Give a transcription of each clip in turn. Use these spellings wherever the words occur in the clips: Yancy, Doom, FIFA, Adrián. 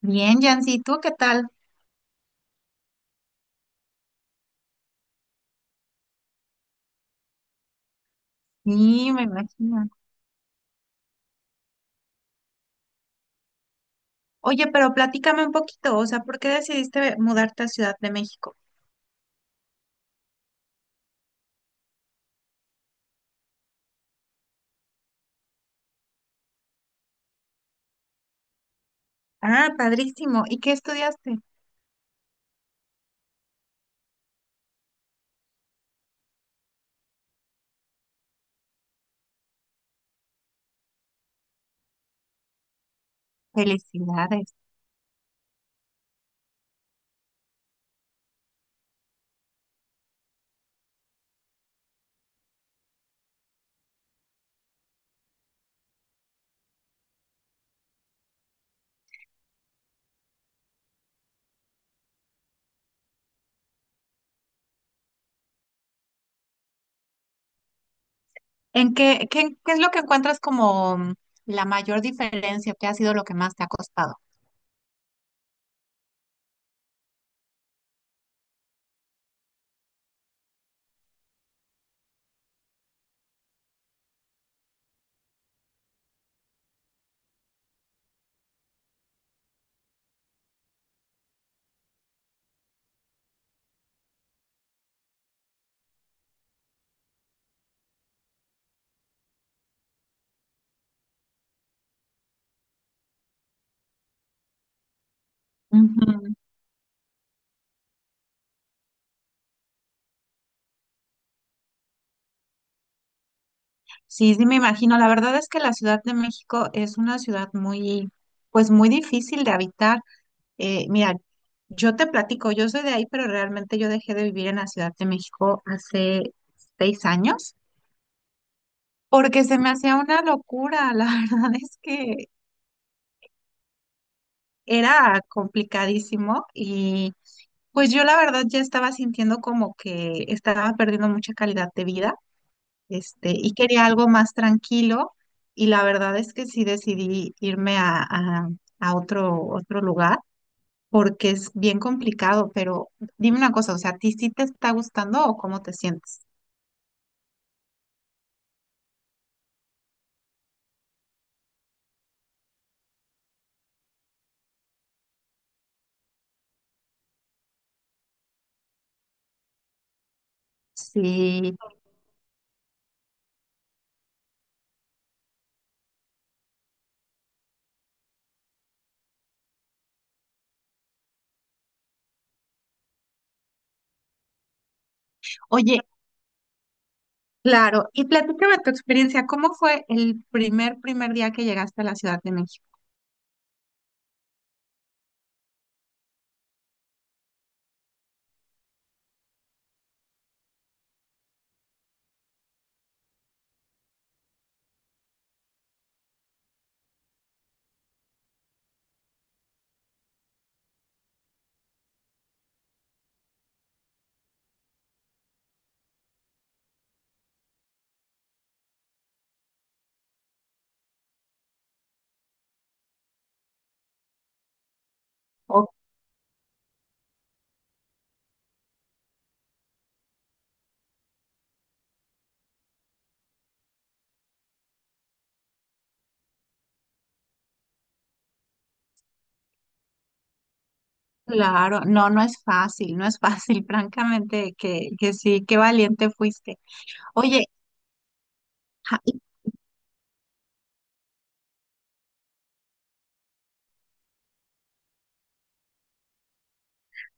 Bien, Yancy, ¿tú qué tal? Sí, me imagino. Oye, pero platícame un poquito, o sea, ¿por qué decidiste mudarte a Ciudad de México? Ah, padrísimo. ¿Y qué estudiaste? Felicidades. ¿En qué es lo que encuentras como la mayor diferencia? ¿Qué ha sido lo que más te ha costado? Ujú. Sí, sí, me imagino. La verdad es que la Ciudad de México es una ciudad muy, pues muy difícil de habitar. Mira, yo te platico, yo soy de ahí, pero realmente yo dejé de vivir en la Ciudad de México hace 6 años porque se me hacía una locura. La verdad es que era complicadísimo y pues yo la verdad ya estaba sintiendo como que estaba perdiendo mucha calidad de vida, este, y quería algo más tranquilo y la verdad es que sí decidí irme a otro lugar. Porque es bien complicado, pero dime una cosa, o sea, ¿a ti sí te está gustando o cómo te sientes? Sí. Oye, claro, y platícame tu experiencia, ¿cómo fue el primer día que llegaste a la Ciudad de México? Oh, claro, no, no es fácil, no es fácil, francamente, que sí, qué valiente fuiste. Oye, ja, y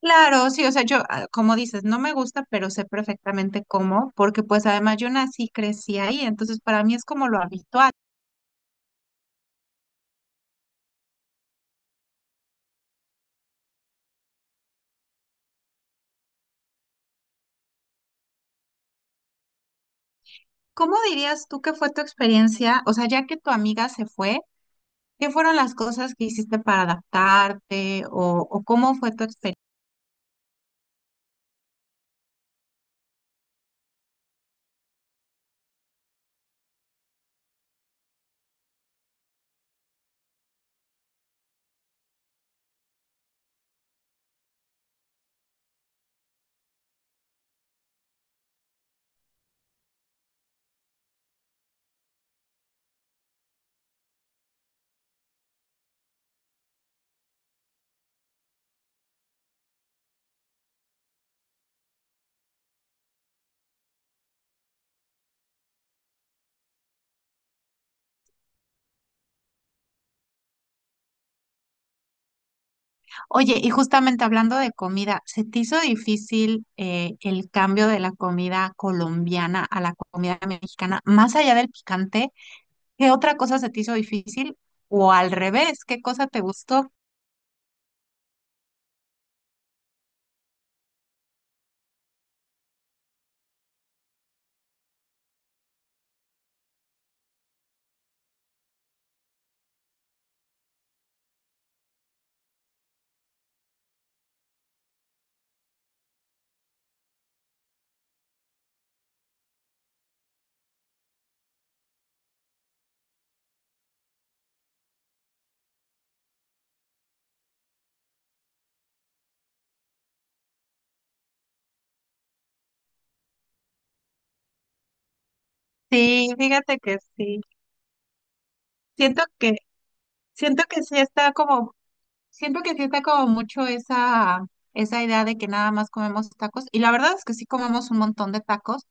claro, sí, o sea, yo, ah, como dices, no me gusta, pero sé perfectamente cómo, porque pues además yo nací, crecí ahí, entonces para mí es como lo habitual. ¿Cómo dirías tú que fue tu experiencia? O sea, ya que tu amiga se fue, ¿qué fueron las cosas que hiciste para adaptarte o cómo fue tu experiencia? Oye, y justamente hablando de comida, ¿se te hizo difícil el cambio de la comida colombiana a la comida mexicana? Más allá del picante, ¿qué otra cosa se te hizo difícil? O al revés, ¿qué cosa te gustó? Sí, fíjate que sí. Siento que, siento que sí está como Siento que sí está como mucho esa idea de que nada más comemos tacos. Y la verdad es que sí comemos un montón de tacos,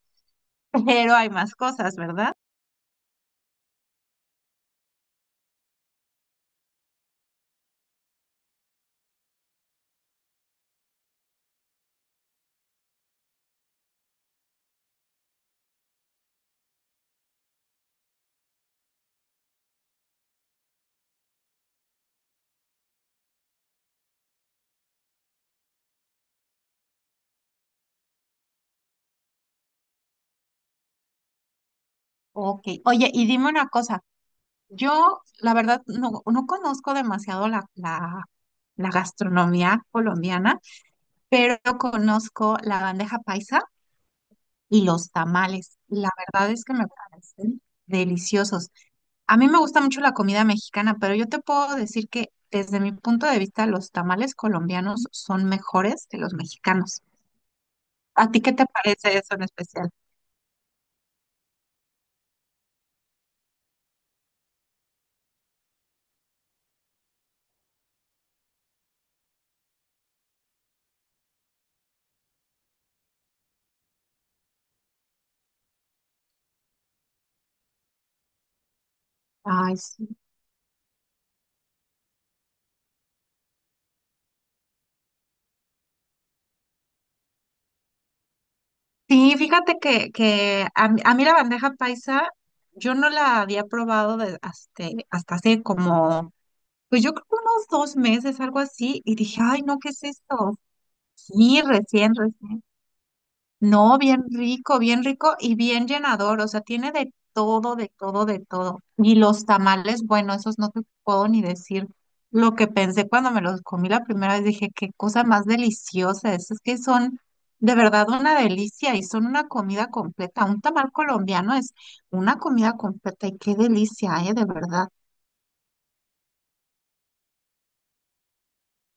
pero hay más cosas, ¿verdad? Ok. Oye, y dime una cosa. Yo, la verdad, no, no conozco demasiado la gastronomía colombiana, pero conozco la bandeja paisa y los tamales. La verdad es que me parecen deliciosos. A mí me gusta mucho la comida mexicana, pero yo te puedo decir que desde mi punto de vista los tamales colombianos son mejores que los mexicanos. ¿A ti qué te parece eso en especial? Ay, sí. Sí, fíjate que a mí la bandeja paisa yo no la había probado de- hasta, hasta hace como, pues yo creo que unos 2 meses, algo así, y dije, ay, no, ¿qué es esto? Sí, recién. No, bien rico y bien llenador, o sea, tiene de todo, de todo. Y los tamales, bueno, esos no te puedo ni decir lo que pensé cuando me los comí la primera vez, dije, qué cosa más deliciosa, es que son de verdad una delicia y son una comida completa. Un tamal colombiano es una comida completa y qué delicia, de verdad.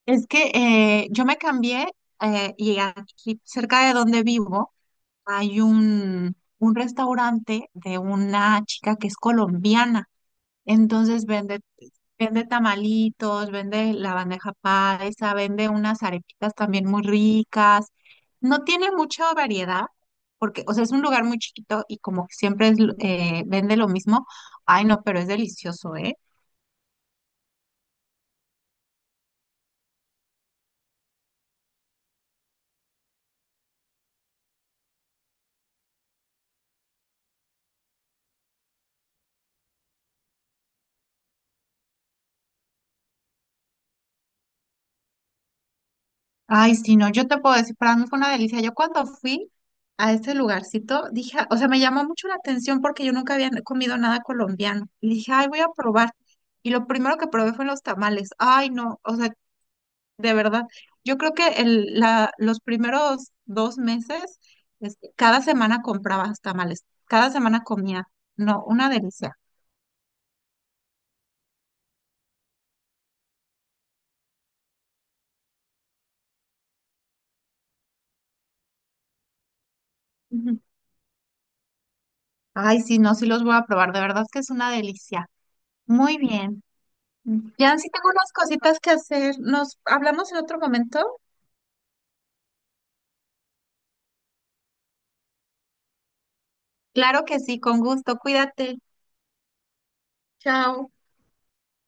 Es que yo me cambié y aquí cerca de donde vivo hay un restaurante de una chica que es colombiana, entonces vende tamalitos, vende la bandeja paisa, vende unas arepitas también muy ricas. No tiene mucha variedad, porque, o sea, es un lugar muy chiquito y como que siempre es, vende lo mismo. Ay, no, pero es delicioso, ¿eh? Ay, sí, no, yo te puedo decir, para mí fue una delicia. Yo cuando fui a ese lugarcito, dije, o sea, me llamó mucho la atención porque yo nunca había comido nada colombiano. Y dije, ay, voy a probar. Y lo primero que probé fueron los tamales. Ay, no, o sea, de verdad. Yo creo que los primeros 2 meses, este, cada semana compraba tamales, cada semana comía. No, una delicia. Ujú. Ay, sí, no, sí los voy a probar, de verdad que es una delicia. Muy bien. Jan, sí tengo unas cositas que hacer. ¿Nos hablamos en otro momento? Claro que sí, con gusto. Cuídate. Chao.